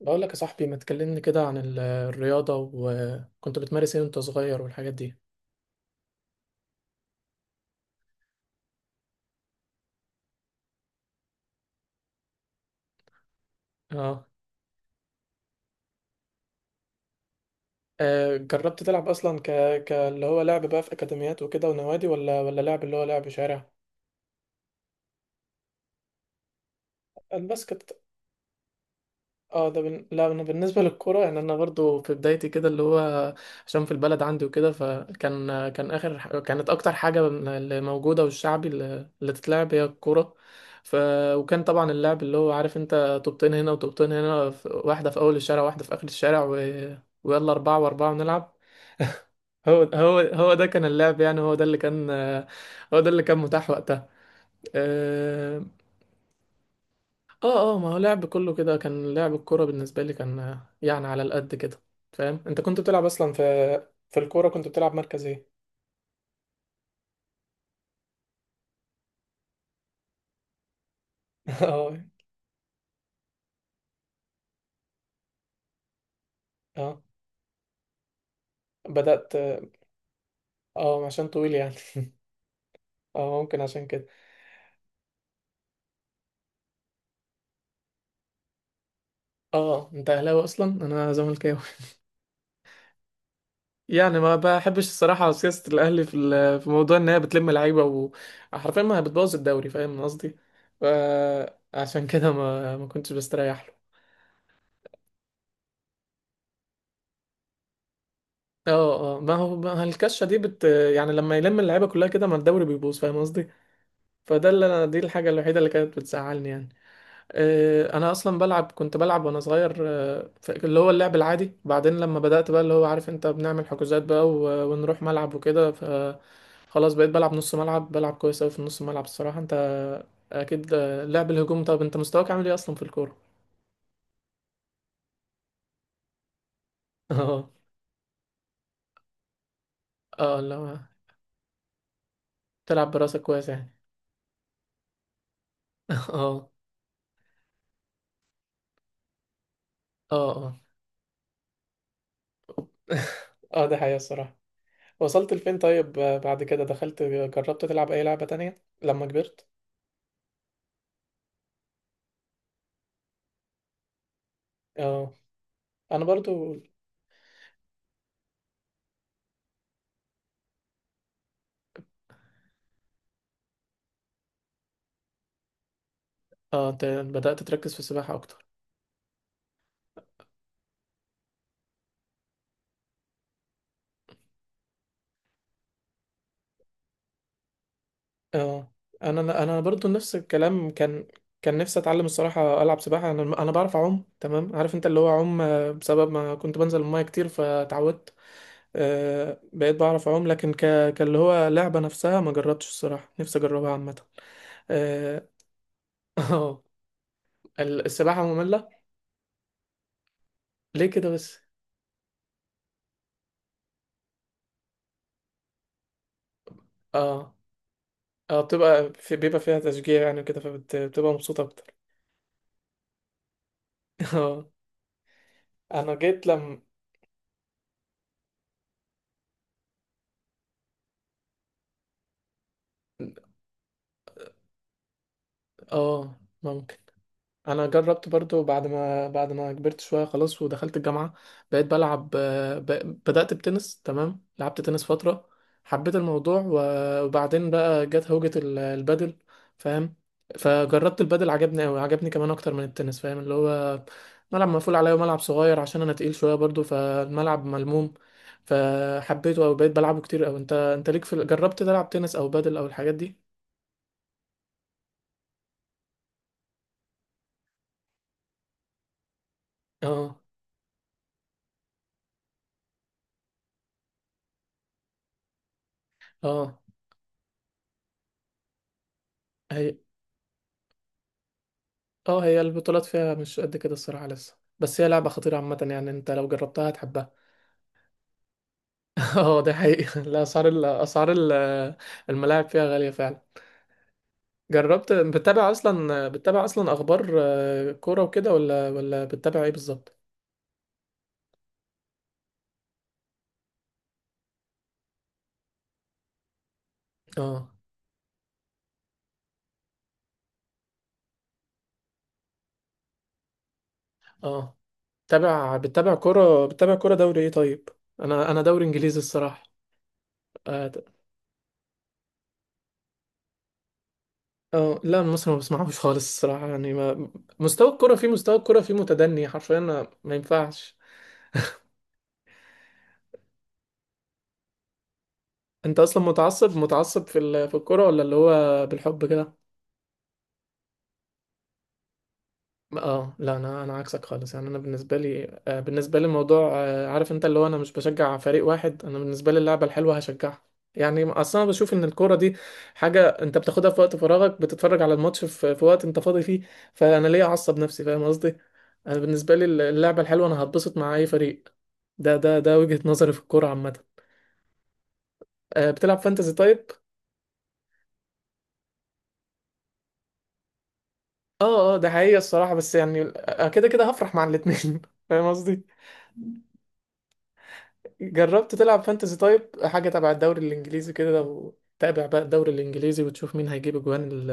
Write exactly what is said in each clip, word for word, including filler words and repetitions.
بقول لك يا صاحبي، ما تكلمني كده عن ال- الرياضة وكنت بتمارس ايه وانت صغير والحاجات دي؟ اه. آه، جربت تلعب اصلا ك... ك اللي هو لعب بقى في اكاديميات وكده ونوادي ولا ولا لعب اللي هو لعب شارع؟ الباسكت. اه، ده بن... لا، انا بالنسبه للكوره يعني انا برضو في بدايتي كده اللي هو، عشان في البلد عندي وكده، فكان كان اخر ح- كانت اكتر حاجه اللي موجوده والشعبي اللي, اللي تتلعب هي الكوره. ف... وكان طبعا اللعب، اللي هو عارف انت، طوبتين هنا وطوبتين هنا في... واحده في اول الشارع واحده في اخر الشارع و... ويلا اربعه واربعه ونلعب. هو هو هو ده كان اللعب، يعني هو ده اللي كان، هو ده اللي كان متاح وقتها. آه. اه اه، ما هو لعب كله كده، كان لعب الكورة بالنسبة لي كان، آه، يعني على القد كده. فاهم انت كنت بتلعب اصلا في في الكورة؟ كنت بتلعب مركز ايه؟ اه اه، بدأت. اه عشان طويل يعني. اه ممكن عشان كده. اه، انت اهلاوي اصلا؟ انا زملكاوي. يعني ما بحبش الصراحة سياسة الاهلي في ال- في موضوع ان هي بتلم لعيبة، وحرفيا ما بتبوظ الدوري، فاهم قصدي؟ فعشان كده ما ما كنتش بستريح له. اه اه، ما هو ما هو الكشه دي بت يعني لما يلم اللعيبه كلها كده، ما الدوري بيبوظ، فاهم قصدي؟ فده اللي انا، دي الحاجه الوحيده اللي كانت بتزعلني يعني. آه، انا اصلا بلعب، كنت بلعب وانا صغير، آه، ف- اللي هو اللعب العادي. بعدين لما بدات بقى، اللي هو عارف انت، بنعمل حجوزات بقى و- ونروح ملعب وكده ف خلاص بقيت بلعب نص ملعب، بلعب كويس قوي في النص ملعب الصراحه انت. اكيد. آه، لعب الهجوم. طب انت مستواك عامل ايه اصلا في الكوره؟ اه اه لا. تلعب براسك كويس يعني. اه اه اه. اه، ده حقيقة الصراحة. وصلت لفين طيب؟ بعد كده دخلت، جربت تلعب اي لعبة تانية لما كبرت؟ اه، انا برضو. اه، ت- بدأت تركز في السباحة اكتر. اه، انا انا برضو نفس الكلام. كان كان نفسي اتعلم الصراحة العب سباحة. انا انا بعرف اعوم تمام، عارف انت اللي هو اعوم، آه، بسبب ما كنت بنزل المية كتير فتعودت. آه، بقيت بعرف اعوم، لكن ك... كاللي هو لعبة نفسها ما جربتش الصراحة. نفسي اجربها عامة. اه. آه، السباحة مملة؟ ليه كده بس؟ اه، اه، بتبقى في، بيبقى فيها تشجيع يعني كده، فبتبقى مبسوطة أكتر. اه. أنا جيت لما، اه، ممكن. انا جربت برضو بعد ما بعد ما كبرت شويه خلاص ودخلت الجامعه، بقيت بلعب، آه، ب... بدات بتنس، تمام، لعبت تنس فتره، حبيت الموضوع، و- وبعدين بقى جت هوجه ال- البادل، فاهم؟ فجربت البادل، عجبني قوي، عجبني كمان اكتر من التنس، فاهم اللي هو ملعب مقفول عليا وملعب صغير عشان انا تقيل شويه برضو، فالملعب ملموم، فحبيته قوي، بقيت بلعبه كتير قوي. انت، انت ليك في ال- جربت تلعب تنس او بادل او الحاجات دي؟ اه اه. اه، هي البطولات فيها مش قد كده الصراحة لسه، بس هي لعبة خطيرة عامة، يعني انت لو جربتها هتحبها. اه، ده حقيقي. لا، اسعار ال- اسعار ال- الملاعب فيها غالية فعلا. جربت بتتابع اصلا بتتابع اصلا اخبار، آه، كورة وكده، ولا ولا بتتابع ايه بالظبط؟ اه اه، بتتابع بتتابع كورة بتتابع كورة، دوري ايه طيب؟ انا، انا دوري انجليزي الصراحة. اه، ت- آه، لا، مصر ما بسمعوش خالص الصراحة، يعني ما. مستوى الكرة فيه مستوى الكرة فيه متدني حرفيا، ما ما ينفعش. انت اصلا متعصب، متعصب في ال- في الكوره، ولا اللي هو بالحب كده؟ اه لا، انا انا عكسك خالص. يعني انا بالنسبه لي، آه، بالنسبه لي الموضوع، آه، عارف انت اللي هو، انا مش بشجع فريق واحد، انا بالنسبه لي اللعبه الحلوه هشجعها. يعني اصلا أنا بشوف ان الكوره دي حاجه انت بتاخدها في وقت فراغك، بتتفرج على الماتش في, في وقت انت فاضي فيه. فانا ليه اعصب نفسي، فاهم قصدي؟ انا بالنسبه لي اللعبه الحلوه، انا هتبسط مع اي فريق. ده ده ده وجهه نظري في الكوره عامه. آه، بتلعب فانتزي طيب؟ اه اه، ده حقيقة الصراحة، بس يعني، آه، كده كده هفرح مع الاتنين. فاهم قصدي. جربت تلعب فانتزي طيب، حاجة تبع الدوري الانجليزي كده، وتابع بقى الدوري الانجليزي، وتشوف مين هيجيب اجوان ال-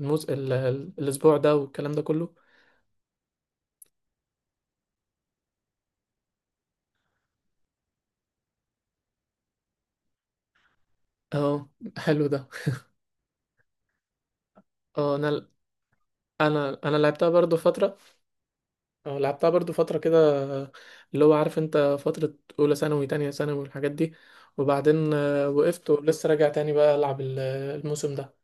الموز... ال... ال- الاسبوع ده والكلام ده كله؟ اه، حلو ده. اه، انا انا انا لعبتها برضو فترة. اه، لعبتها برضو فترة كده، اللي هو عارف انت، فترة اولى ثانوي، تانية ثانوي والحاجات دي، وبعدين آه، وقفت، ولسه راجع تاني بقى العب ال- الموسم ده.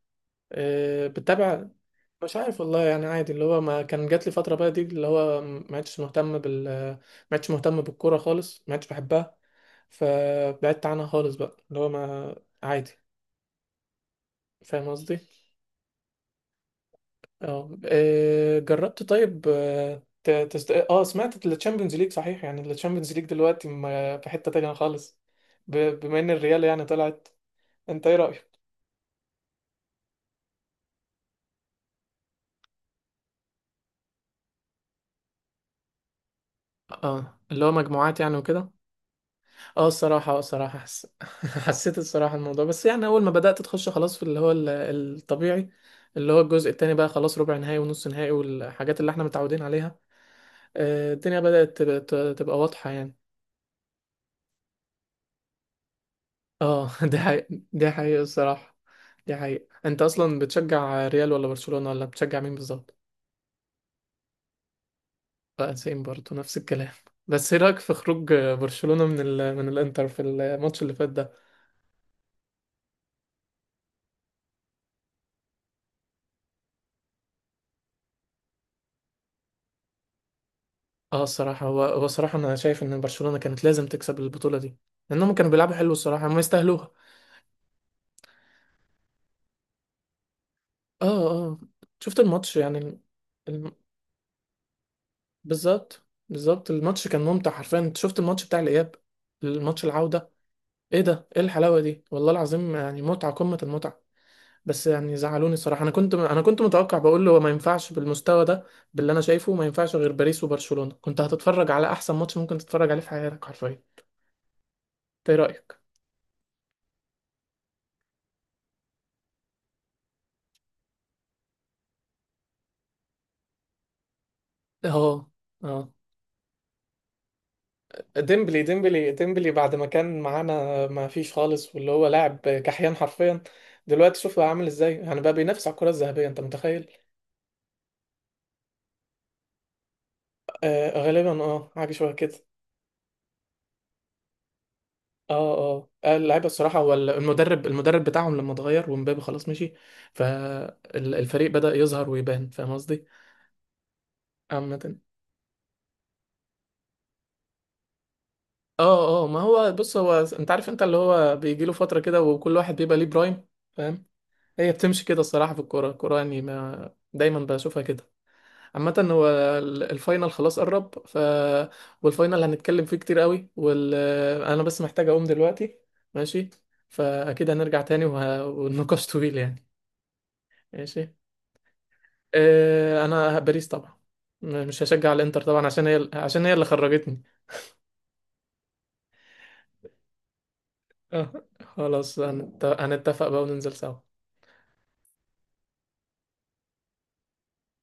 آه، بتتابع. مش عارف والله، يعني عادي، اللي هو ما، كان جات لي فتره بقى دي اللي هو ما عدتش مهتم بال، ما عدتش مهتم بالكوره خالص، ما عدتش بحبها، فبعدت عنها خالص بقى، اللي هو ما، عادي، فاهم قصدي؟ اه إيه، جربت طيب، آه، ت- تست... اه، سمعت التشامبيونز ليج صحيح؟ يعني التشامبيونز ليج دلوقتي ما- في حته تانية خالص، ب... بما ان الريال يعني طلعت. انت ايه رايك؟ اه، اللي هو مجموعات يعني وكده. اه الصراحة، اه الصراحة حس... حسيت الصراحة الموضوع، بس يعني، أول ما بدأت تخش خلاص في اللي هو ال- الطبيعي، اللي هو الجزء التاني بقى، خلاص ربع نهائي ونص نهائي والحاجات اللي احنا متعودين عليها، آه، الدنيا بدأت تب- ت- تبقى واضحة يعني. اه. دي حقيقة. دي حقيقة الصراحة. دي حقيقة. انت أصلا بتشجع ريال ولا برشلونة، ولا بتشجع مين بالظبط؟ بقى سيم برضه نفس الكلام. بس ايه رأيك في خروج برشلونة من ال... من الإنتر في الماتش اللي فات ده؟ اه الصراحة، هو هو الصراحة أنا شايف إن برشلونة كانت لازم تكسب البطولة دي، لأنهم كانوا بيلعبوا حلو الصراحة، هم يستاهلوها. اه اه. شفت الماتش، يعني الم... الم... بالظبط. بالظبط، الماتش كان ممتع حرفيا، أنت شفت الماتش بتاع الإياب، الماتش العودة؟ ايه ده، ايه الحلاوة دي، والله العظيم، يعني متعة، قمة المتعة. بس يعني زعلوني الصراحة، أنا كنت، أنا كنت متوقع بقول له ما ينفعش بالمستوى ده، باللي أنا شايفه ما ينفعش غير باريس وبرشلونة، كنت هتتفرج على أحسن ماتش ممكن تتفرج عليه في حياتك حرفيا إنت. إيه رأيك؟ اه اه، ديمبلي ديمبلي ديمبلي بعد ما كان معانا ما فيش خالص، واللي هو لاعب كحيان حرفيا، دلوقتي شوف بقى عامل ازاي، يعني بقى بينافس على الكرة الذهبية، انت متخيل؟ آه غالبا، اه حاجة شبه كده. اه اه، آه، اللعيبة الصراحة. هو ال- المدرب المدرب بتاعهم لما اتغير، ومبابي خلاص مشي، فالفريق بدأ يظهر ويبان، فاهم قصدي؟ عامة، اه اه، ما هو بص، هو انت عارف انت اللي هو بيجي له فترة كده، وكل واحد بيبقى ليه برايم، فاهم؟ هي بتمشي كده الصراحة في الكورة. الكورة يعني ما دايما بشوفها كده. عامة هو ال- الفاينل خلاص قرب، ف والفاينل هنتكلم فيه كتير قوي، وال... انا بس محتاج اقوم دلوقتي. ماشي. فاكيد هنرجع تاني، وه... والنقاش طويل يعني. ماشي. أه... انا باريس طبعا، م- مش هشجع الانتر طبعا، عشان هي عشان هي اللي خرجتني. أه. خلاص، هنت... هنتفق بقى وننزل سوا.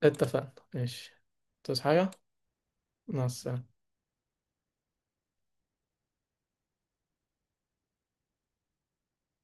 اتفقنا، ماشي. تصحى حاجة. مع السلامة.